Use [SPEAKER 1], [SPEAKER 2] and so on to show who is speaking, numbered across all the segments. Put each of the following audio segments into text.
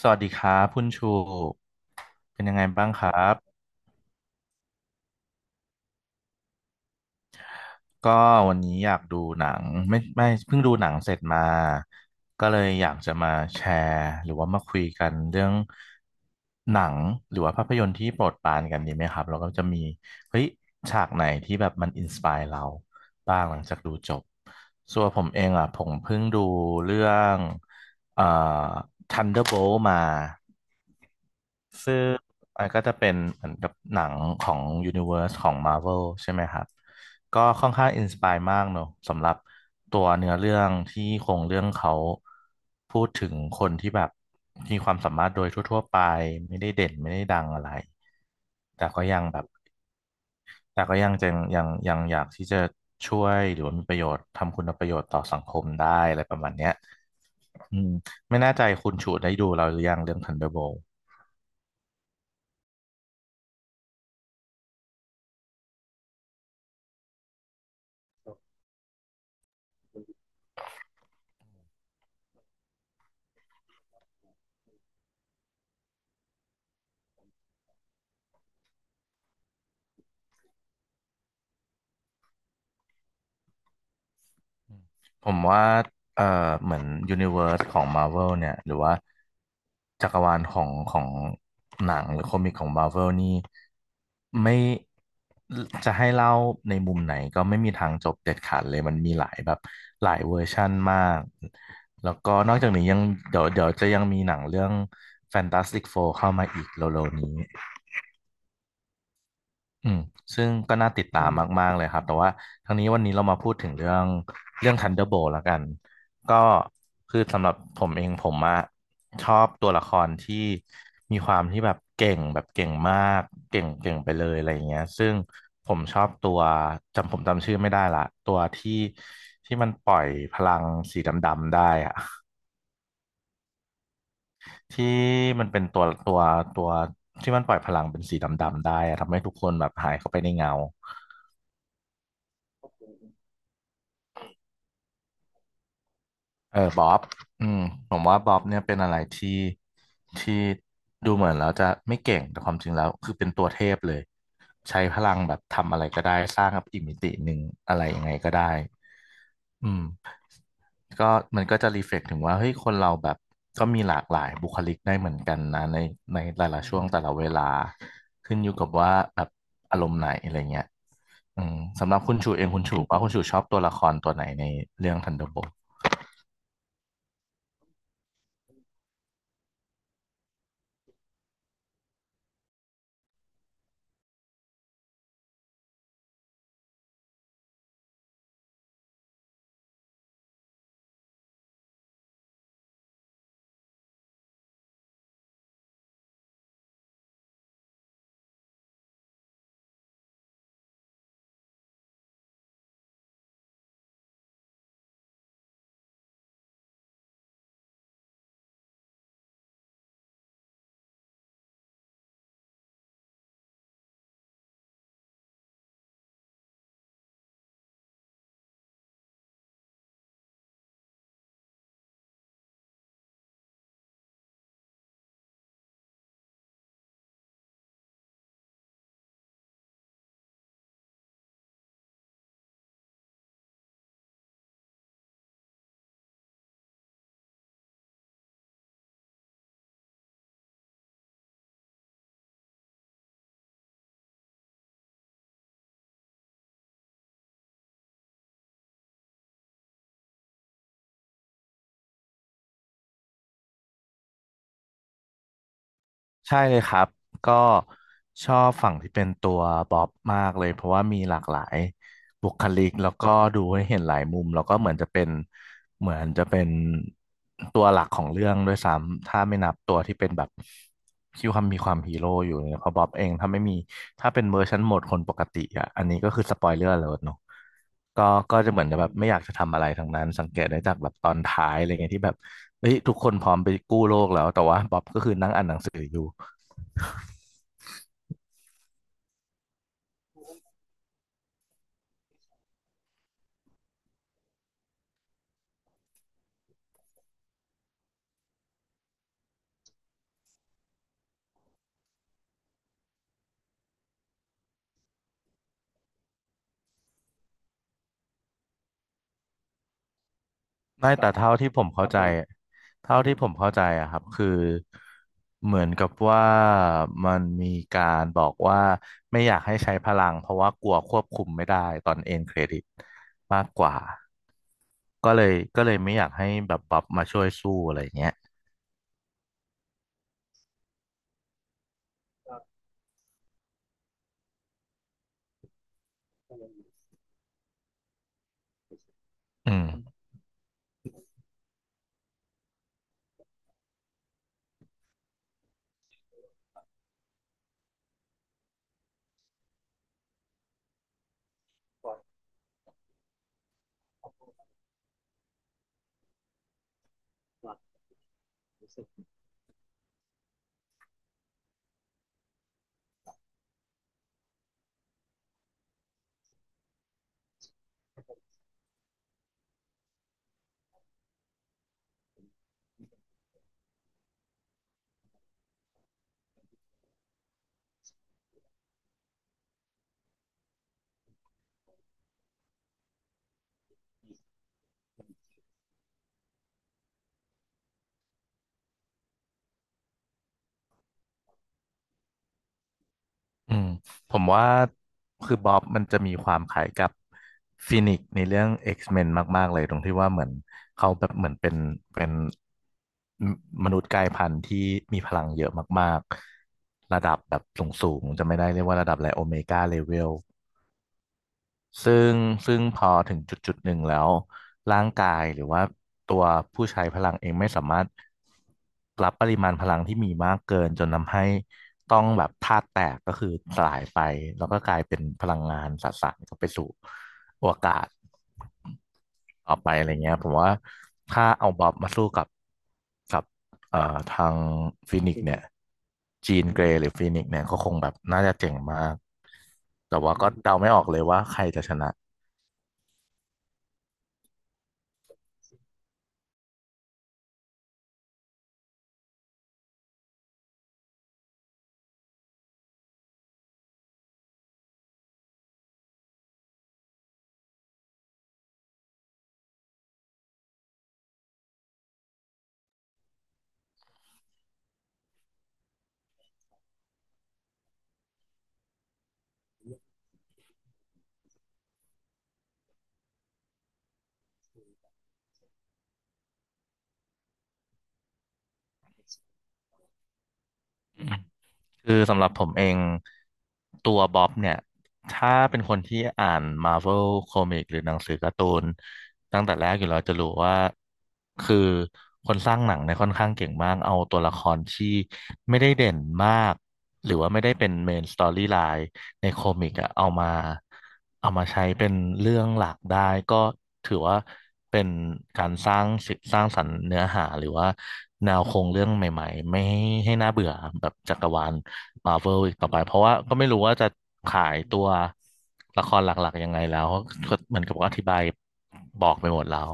[SPEAKER 1] สวัสดีครับคุณชูเป็นยังไงบ้างครับก็วันนี้อยากดูหนังไม่ไม่เพิ่งดูหนังเสร็จมาก็เลยอยากจะมาแชร์หรือว่ามาคุยกันเรื่องหนังหรือว่าภาพยนตร์ที่โปรดปรานกันดีไหมครับแล้วก็จะมีเฮ้ยฉากไหนที่แบบมันอินสปายเราบ้างหลังจากดูจบส่วนผมเองอ่ะผมเพิ่งดูเรื่องเอ่อ Thunderbolt มา ซึ่งมันก็จะเป็นเหมือนกับหนังของ Universe ของ Marvel ใช่ไหมครับก็ค่อนข้างอินสปายมากเนอะสำหรับตัวเนื้อเรื่องที่โครงเรื่องเขาพูดถึงคนที่แบบมีความสามารถโดยทั่วๆไปไม่ได้เด่นไม่ได้ดังอะไรแต่ก็ยังแบบแต่ก็ยังจะยังอยากที่จะช่วยหรือว่ามีประโยชน์ทำคุณประโยชน์ต่อสังคมได้อะไรประมาณเนี้ยอืมไม่แน่ใจคุณชูได้ดูเราหรือยังเรื่อง Thunderbolt ผมว่าเอ่อเหมือนยูนิเว s ร์สของ Marvel เนี่ย หรือว่าจักรวาลของหนังหรือคอมิกของ Marvel นี่ไม่จะให้เล่าในมุมไหนก็ไม่มีทางจบเด็ดขาดเลย มันมีหลายแบบหลายเวอร์ชั่นมาก แล้วก็นอกจากนี้ยังเดี๋ยวจะยังมีหนังเรื่อง Fantastic Four เข้ามาอีกเร็วๆนี้ อืมซึ่งก็น่าติดตามมากๆเลยครับแต่ว่าทั้งนี้วันนี้เรามาพูดถึงเรื่อง Thunderbolt แล้วกันก็คือสำหรับผมเองผมอะชอบตัวละครที่มีความที่แบบเก่งแบบเก่งมากเก่งเก่งไปเลยอะไรอย่างเงี้ยซึ่งผมชอบตัวผมจำชื่อไม่ได้ละตัวที่ที่มันปล่อยพลังสีดำๆได้อะที่มันเป็นตัวที่มันปล่อยพลังเป็นสีดำๆได้อะทำให้ทุกคนแบบหายเข้าไปในเงา เออบ๊อบอืมผมว่าบ๊อบเนี่ยเป็นอะไรที่ดูเหมือนแล้วจะไม่เก่งแต่ความจริงแล้วคือเป็นตัวเทพเลยใช้พลังแบบทำอะไรก็ได้สร้างกับอีกมิติหนึ่งอะไรยังไงก็ได้อืมก็มันก็จะรีเฟล็กถึงว่าเฮ้ยคนเราแบบก็มีหลากหลายบุคลิกได้เหมือนกันนะในในแต่ละช่วงแต่ละเวลาขึ้นอยู่กับว่าแบบอารมณ์ไหนอะไรเงี้ยอืมสำหรับคุณชูเองคุณชูว่าคุณชูชอบตัวละครตัวไหนในเรื่อง Thunderbolt ใช่เลยครับก็ชอบฝั่งที่เป็นตัวบ๊อบมากเลยเพราะว่ามีหลากหลายบุคลิกแล้วก็ดูให้เห็นหลายมุมแล้วก็เหมือนจะเป็นตัวหลักของเรื่องด้วยซ้ำถ้าไม่นับตัวที่เป็นแบบที่ความมีความฮีโร่อยู่เนี่ยเพราะบ๊อบเองถ้าไม่มีถ้าเป็นเวอร์ชันโหมดคนปกติอ่ะอันนี้ก็คือสปอยเลอร์เลยเนาะก็ก็จะเหมือนจะแบบไม่อยากจะทำอะไรทั้งนั้นสังเกตได้จากแบบตอนท้ายอะไรเงี้ยที่แบบเฮ้ยทุกคนพร้อมไปกู้โลกแล้วแต่ว่าบ๊อบก็คือนั่งอ่านหนังสืออยู่ ไม่แต่เท่าที่ผมคเข้ารับใจผมเท่าที่ผมเข้าใจอะครับคือเหมือนกับว่ามันมีการบอกว่าไม่อยากให้ใช้พลังเพราะว่ากลัวควบคุมไม่ได้ตอนเอ็นเครดิตมากกว่าก็เลยไม่อยากให้แบบบัฟมาช่วยสู้อะไรอย่างเงี้ยอืม อืมผมว่าคือบ๊อบมันจะมีความคล้ายกับฟินิกซ์ในเรื่อง X-Men มนมากๆเลยตรงที่ว่าเหมือนเขาแบบเหมือนเป็นมมนุษย์กลายพันธุ์ที่มีพลังเยอะมากๆระดับแบบสูงๆจะไม่ได้เรียกว่าระดับอะไรโอเมก้าเลเวล ซึ่งซึ่งพอถึงจุดจุดหนึ่งแล้วร่างกายหรือว่าตัวผู้ใช้พลังเองไม่สามารถรับปริมาณพลังที่มีมากเกินจนทำให้ต้องแบบธาตุแตกก็คือสลายไปแล้วก็กลายเป็นพลังงานสสารก็ไปสู่อวกาศต่อไปอะไรเงี้ยผมว่าถ้าเอาบอบมาสู้กับ ทางฟินิกซ์เนี่ยจีนเกรย์หรือฟินิกซ์เนี่ยก็คงแบบน่าจะเจ๋งมากแต่ว่าก็เดาไม่ออกเลยว่าใครจะชนะอืมคือสำหรับผมเองตัวบ๊อบเนี่ยถ้าเป็นคนที่อ่านมา r v เวลคอมิกหรือหนังสือการ์ตูนตั้งแต่แรกอยู่แล้วจะรู้ว่าคือคนสร้างหนังเนี่ยค่อนข้างเก่งมากเอาตัวละครที่ไม่ได้เด่นมากหรือว่าไม่ได้เป็นเมนสตอรี่ไลน์ ในคอมิกอะเอามาใช้เป็นเรื่องหลักได้ก็ถือว่าเป็นการสร้างสรรค์เนื้อหาหรือว่าแนวโครงเรื่องใหม่ๆไม่ให้น่าเบื่อแบบจักรวาลมาเวลอีกต่อไปเพราะว่าก็ไม่รู้ว่าจะขายตัวละครหลักๆยังไงแล้วก็เหมือนกับว่าอธิบายบอกไปหมดแล้ว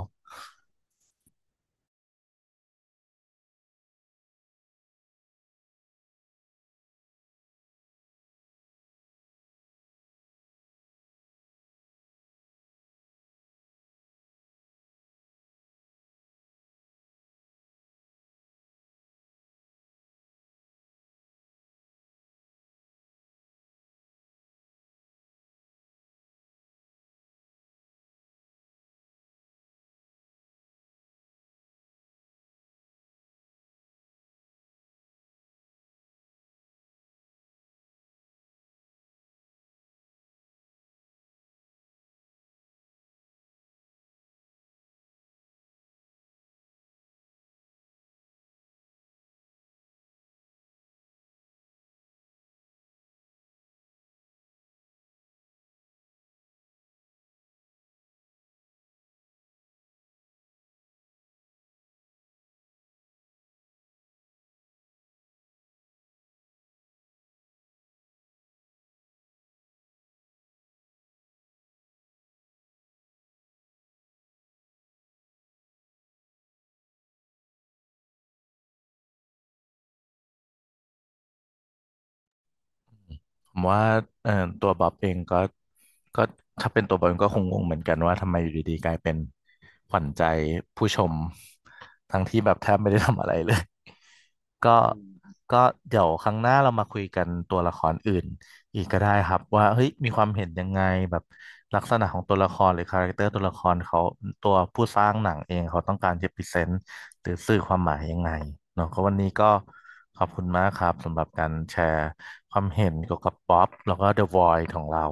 [SPEAKER 1] ผมว่าเอ่อตัวบ๊อบเองก็ก็ถ้าเป็นตัวบ๊อบเองก็คงงงเหมือนกันว่าทำไมอยู่ดีๆกลายเป็นขวัญใจผู้ชมทั้งที่แบบแทบไม่ได้ทำอะไรเลย ก็อืมก็เดี๋ยวครั้งหน้าเรามาคุยกันตัวละครอื่นอีกก็ได้ครับว่าเฮ้ยมีความเห็นยังไงแบบลักษณะของตัวละครหรือคาแรคเตอร์ตัวละครเขาตัวผู้สร้างหนังเองเขาต้องการจะพรีเซนต์หรือสื่อความหมายยังไงเนาะก็วันนี้ก็ขอบคุณมากครับสำหรับการแชร์ความเห็นเกี่ยวกับป๊อปแล้วก็ The Void ของเรา